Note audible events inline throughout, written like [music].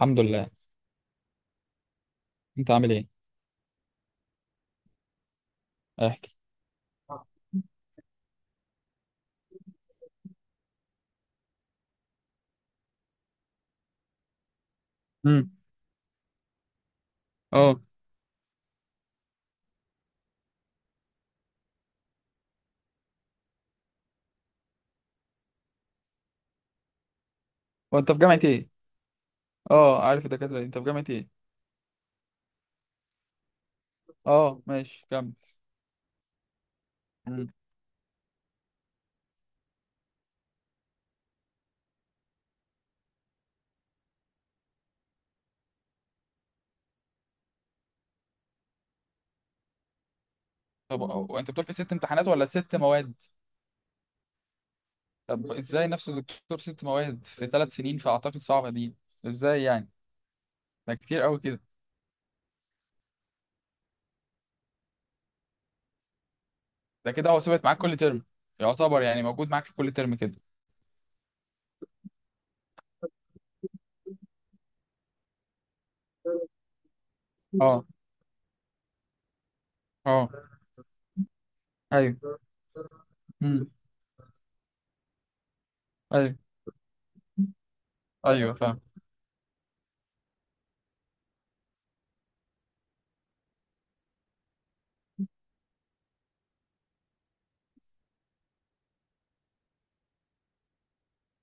الحمد لله. انت عامل ايه؟ احكي. امم. اه. وانت في جامعة ايه؟ اه، عارف الدكاترة دي؟ انت في جامعة ايه؟ اه، ماشي، كمل. مم. طب، وانت بتقول في 6 امتحانات ولا 6 مواد؟ طب، ازاي نفس الدكتور 6 مواد في 3 سنين؟ فاعتقد صعبه دي. ازاي يعني؟ ده كتير قوي كده. ده كده هو ثابت معاك كل ترم؟ يعتبر يعني موجود معاك في كل ترم كده؟ اه، اه، ايوه، امم، ايوه، ايوه، فاهم.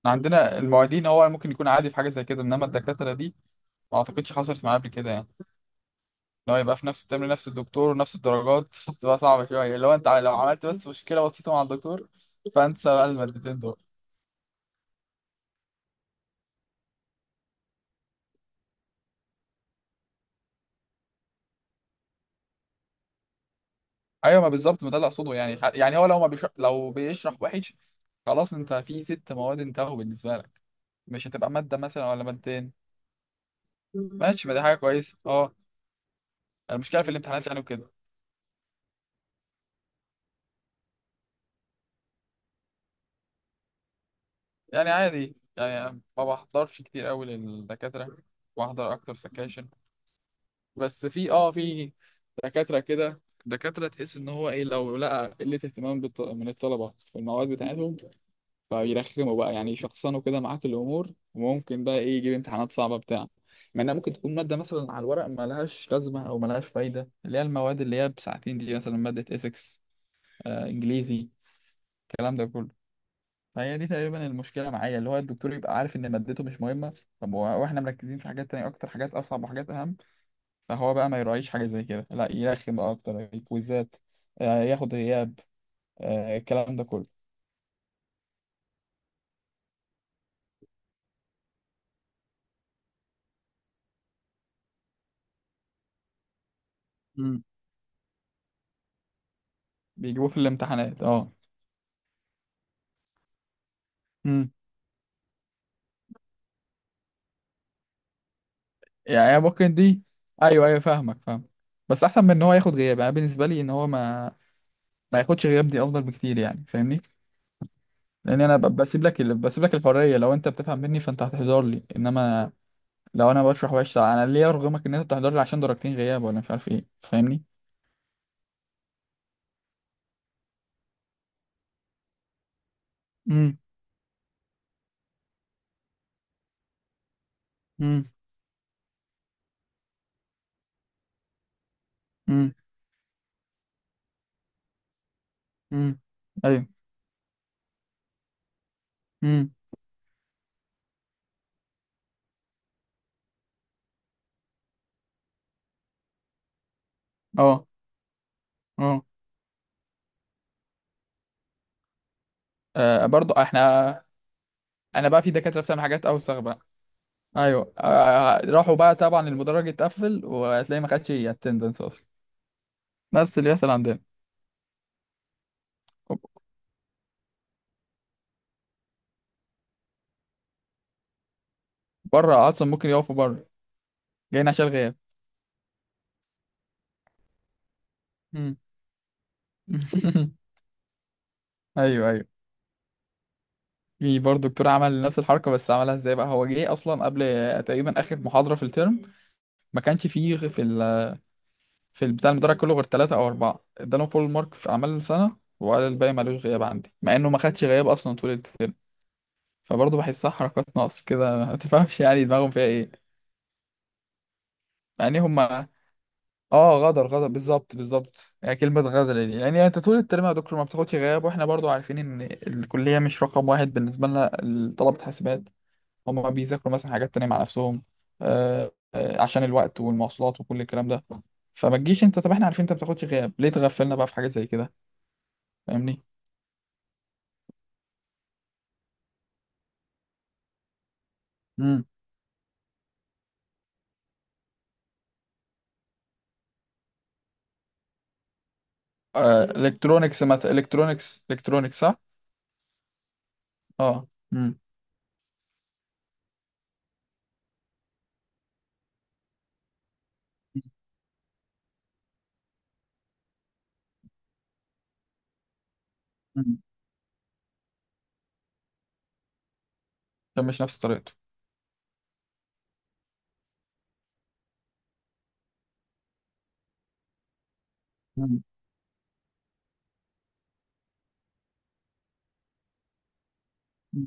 احنا عندنا المعيدين هو ممكن يكون عادي في حاجه زي كده، انما الدكاتره دي ما اعتقدش حصلت معايا قبل كده يعني، ان هو يبقى في نفس الترم نفس الدكتور ونفس الدرجات [laughs] بتبقى صعبة شوية، لو عملت بس مشكلة بسيطة مع الدكتور، فانسى بقى المادتين دول. ايوه، ما بالظبط، ما ده اللي اقصده يعني هو لو ما بيشرح لو بيشرح وحش، خلاص انت في 6 مواد انتهوا بالنسبة لك. مش هتبقى مادة مثلا ولا مادتين. ماشي، ما دي حاجة كويسة، اه. المشكلة في الامتحانات يعني، وكده. يعني عادي، يعني ما بحضرش كتير قوي للدكاترة. بحضر اكتر سكاشن. بس في، دكاترة كده، دكاترة تحس ان هو ايه، لو لقى قلة اهتمام من الطلبة في المواد بتاعتهم، فبيرخموا بقى يعني، يشخصنوا كده معاك الامور، وممكن بقى ايه يجيب امتحانات صعبة بتاع، مع انها ممكن تكون مادة مثلا على الورق ملهاش لازمة او ملهاش فايدة، اللي هي المواد اللي هي بساعتين دي، مثلا مادة ethics. آه، انجليزي. الكلام ده كله. فهي دي تقريبا المشكلة معايا، اللي هو الدكتور يبقى عارف ان مادته مش مهمة. طب واحنا مركزين في حاجات تانية اكتر، حاجات اصعب وحاجات اهم، فهو بقى ما يراعيش حاجة زي كده، لا يرخم بقى أكتر كويزات، ياخد غياب، الكلام ده كله. مم. بيجيبوه في الامتحانات، اه. امم. يعني هي ممكن دي. ايوه، ايوه، فاهمك، فاهم. بس احسن من ان هو ياخد غياب، يعني بالنسبه لي ان هو ما ياخدش غياب دي افضل بكتير، يعني فاهمني. لان انا بسيب لك الحريه. لو انت بتفهم مني فانت هتحضر لي، انما لو انا بشرح وحش، لا، انا ليه ارغمك ان انت تحضر لي عشان درجتين غياب ولا مش عارف ايه؟ فاهمني. امم، امم، امم، امم، ايوه، امم، اه، اه. برضو احنا، انا بقى في دكاتره بتعمل حاجات اوسخ بقى. ايوه، راحوا بقى طبعا، المدرج اتقفل وهتلاقيه ما خدش اتندنس اصلا، نفس اللي بيحصل عندنا. بره اصلا، ممكن يقفوا بره. جايين عشان الغياب. مم. [laughs] ايوه، ايوه. في برضه دكتور عمل نفس الحركه، بس عملها ازاي بقى؟ هو جه اصلا قبل تقريبا اخر محاضره في الترم، ما كانش فيه في بتاع المدرج كله غير 3 أو 4، ادالهم فول مارك في اعمال السنه، وقال الباقي مالوش غياب عندي، مع انه ما خدش غياب اصلا طول الترم. فبرضه بحسها حركات ناقص كده، ما تفهمش يعني دماغهم فيها ايه. يعني هما، اه، غدر، غدر، بالظبط، بالظبط، يعني كلمة غدر دي، يعني انت طول الترم يا دكتور ما بتاخدش غياب، واحنا برضو عارفين ان الكلية مش رقم واحد بالنسبة لنا، طلبة حاسبات، هما بيذاكروا مثلا حاجات تانية مع نفسهم، عشان الوقت والمواصلات وكل الكلام ده، فما تجيش انت، طب احنا عارفين انت ما بتاخدش غياب، ليه تغفلنا بقى في حاجة زي كده؟ فاهمني. امم. آه، الكترونكس مثلا، الكترونكس، صح. اه. امم. مم. كان مش نفس طريقته. لا،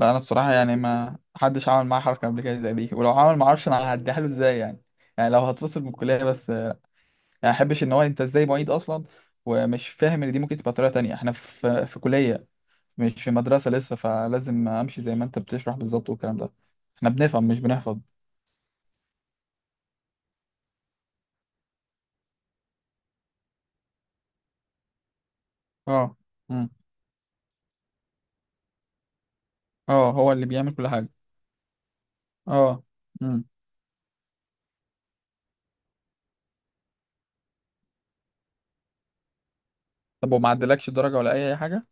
انا الصراحه يعني ما حدش عمل معاه حركه قبل كده زي دي، ولو عمل ما اعرفش انا هعديها له ازاي يعني. يعني لو هتفصل من الكليه بس يعني، ما احبش ان هو، انت ازاي معيد اصلا ومش فاهم ان دي ممكن تبقى طريقه تانية؟ احنا في كليه، مش في مدرسه لسه، فلازم امشي زي ما انت بتشرح بالظبط والكلام ده. احنا بنفهم، مش بنحفظ. اه. امم. اه، هو اللي بيعمل كل حاجه. اه. امم. طب وما عدلكش الدرجه ولا اي حاجه؟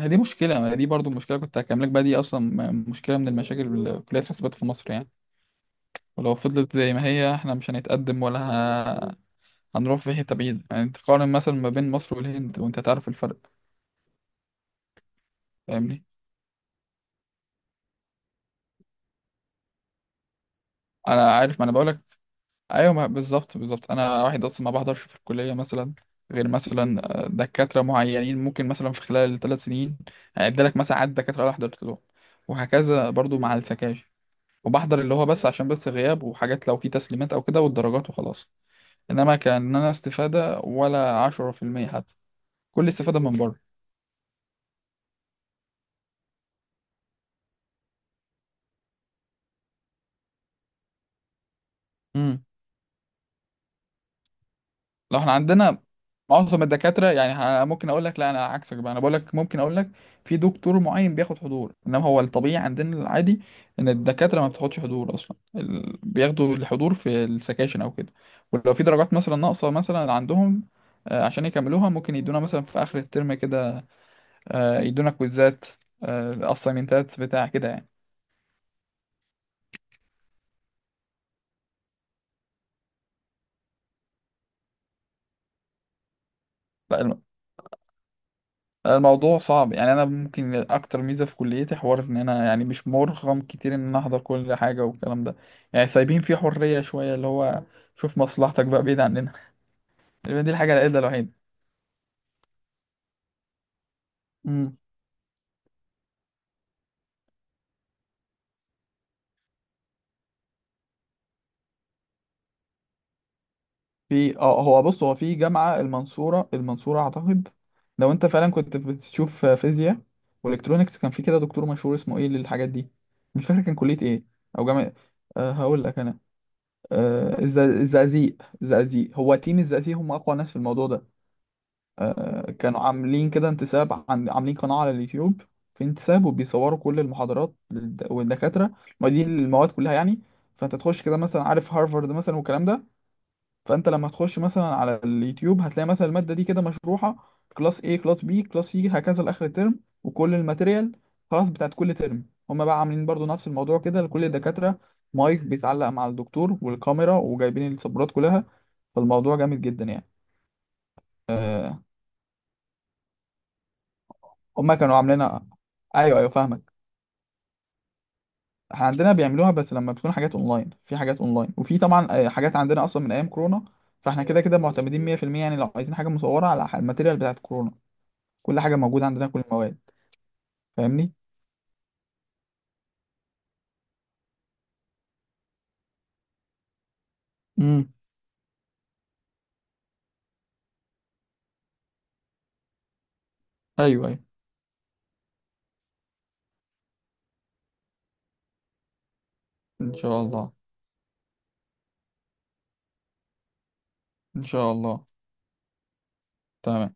هي دي مشكله، ما هي دي برضو مشكله كنت هكملك بقى دي اصلا، مشكله من المشاكل اللي كليه حاسبات في مصر يعني، ولو فضلت زي ما هي احنا مش هنتقدم، ولا هنروح في حتة بعيدة. يعني انت تقارن مثلا ما بين مصر والهند وانت تعرف الفرق. فاهمني. انا عارف، ما انا بقولك. ايوه، بالظبط، بالظبط، انا واحد اصلا ما بحضرش في الكلية مثلا، غير مثلا دكاترة معينين. ممكن مثلا في خلال 3 سنين هيديلك مثلا عدد دكاترة اللي حضرت لهم، وهكذا برضو مع السكاشن، وبحضر اللي هو بس عشان بس غياب، وحاجات لو في تسليمات او كده والدرجات وخلاص، انما كان انا استفادة ولا 10% حتى، كل استفادة من بره. لو احنا عندنا معظم الدكاترة يعني، ممكن اقول لك، لا، انا عكسك بقى، انا بقول لك ممكن اقول لك في دكتور معين بياخد حضور، انما هو الطبيعي عندنا، العادي ان الدكاترة ما بتاخدش حضور اصلا، بياخدوا الحضور في السكاشن او كده. ولو في درجات مثلا ناقصة مثلا عندهم، عشان يكملوها ممكن يدونا مثلا في اخر الترم كده، يدونا كويزات، اسايمنتات بتاع كده. يعني الموضوع صعب. يعني انا ممكن اكتر ميزه في كليتي حوار ان انا يعني مش مرغم كتير ان انا احضر كل حاجه والكلام ده، يعني سايبين فيه حريه شويه، اللي هو شوف مصلحتك بقى بعيد عننا. [laughs] تقريباً دي الحاجه العدله الوحيده. امم. في، اه، هو بص، هو في جامعه المنصوره، المنصوره اعتقد. لو انت فعلا كنت بتشوف فيزياء والكترونكس، كان في كده دكتور مشهور اسمه ايه للحاجات دي، مش فاكر كان كليه ايه او جامعه. أه، هقول لك انا، أه الزقازيق، الزقازيق هو تيم، الزقازيق هم اقوى ناس في الموضوع ده. كانوا عاملين كده انتساب، عاملين قناة على اليوتيوب. في انتساب، وبيصوروا كل المحاضرات والدكاترة، معيدين، المواد كلها يعني. فانت تخش كده مثلا، عارف هارفارد مثلا والكلام ده؟ فانت لما تخش مثلا على اليوتيوب، هتلاقي مثلا المادة دي كده مشروحة كلاس A، كلاس B، كلاس C، هكذا لآخر الترم، وكل الماتيريال خلاص بتاعت كل ترم. هما بقى عاملين برضو نفس الموضوع كده لكل الدكاترة. مايك بيتعلق مع الدكتور والكاميرا وجايبين السبورات كلها. فالموضوع جامد جدا يعني. آه، هما كانوا عاملينها. ايوه، ايوه، فاهمك. احنا عندنا بيعملوها بس لما بتكون حاجات اونلاين، في حاجات اونلاين، وفي طبعا حاجات عندنا اصلا من ايام كورونا، فاحنا كده كده معتمدين 100% يعني. لو عايزين حاجه مصوره، على الماتيريال بتاعت كورونا كل حاجه موجوده عندنا، كل المواد. فاهمني. امم، ايوه، ايوه، ان شاء الله، ان شاء الله، تمام.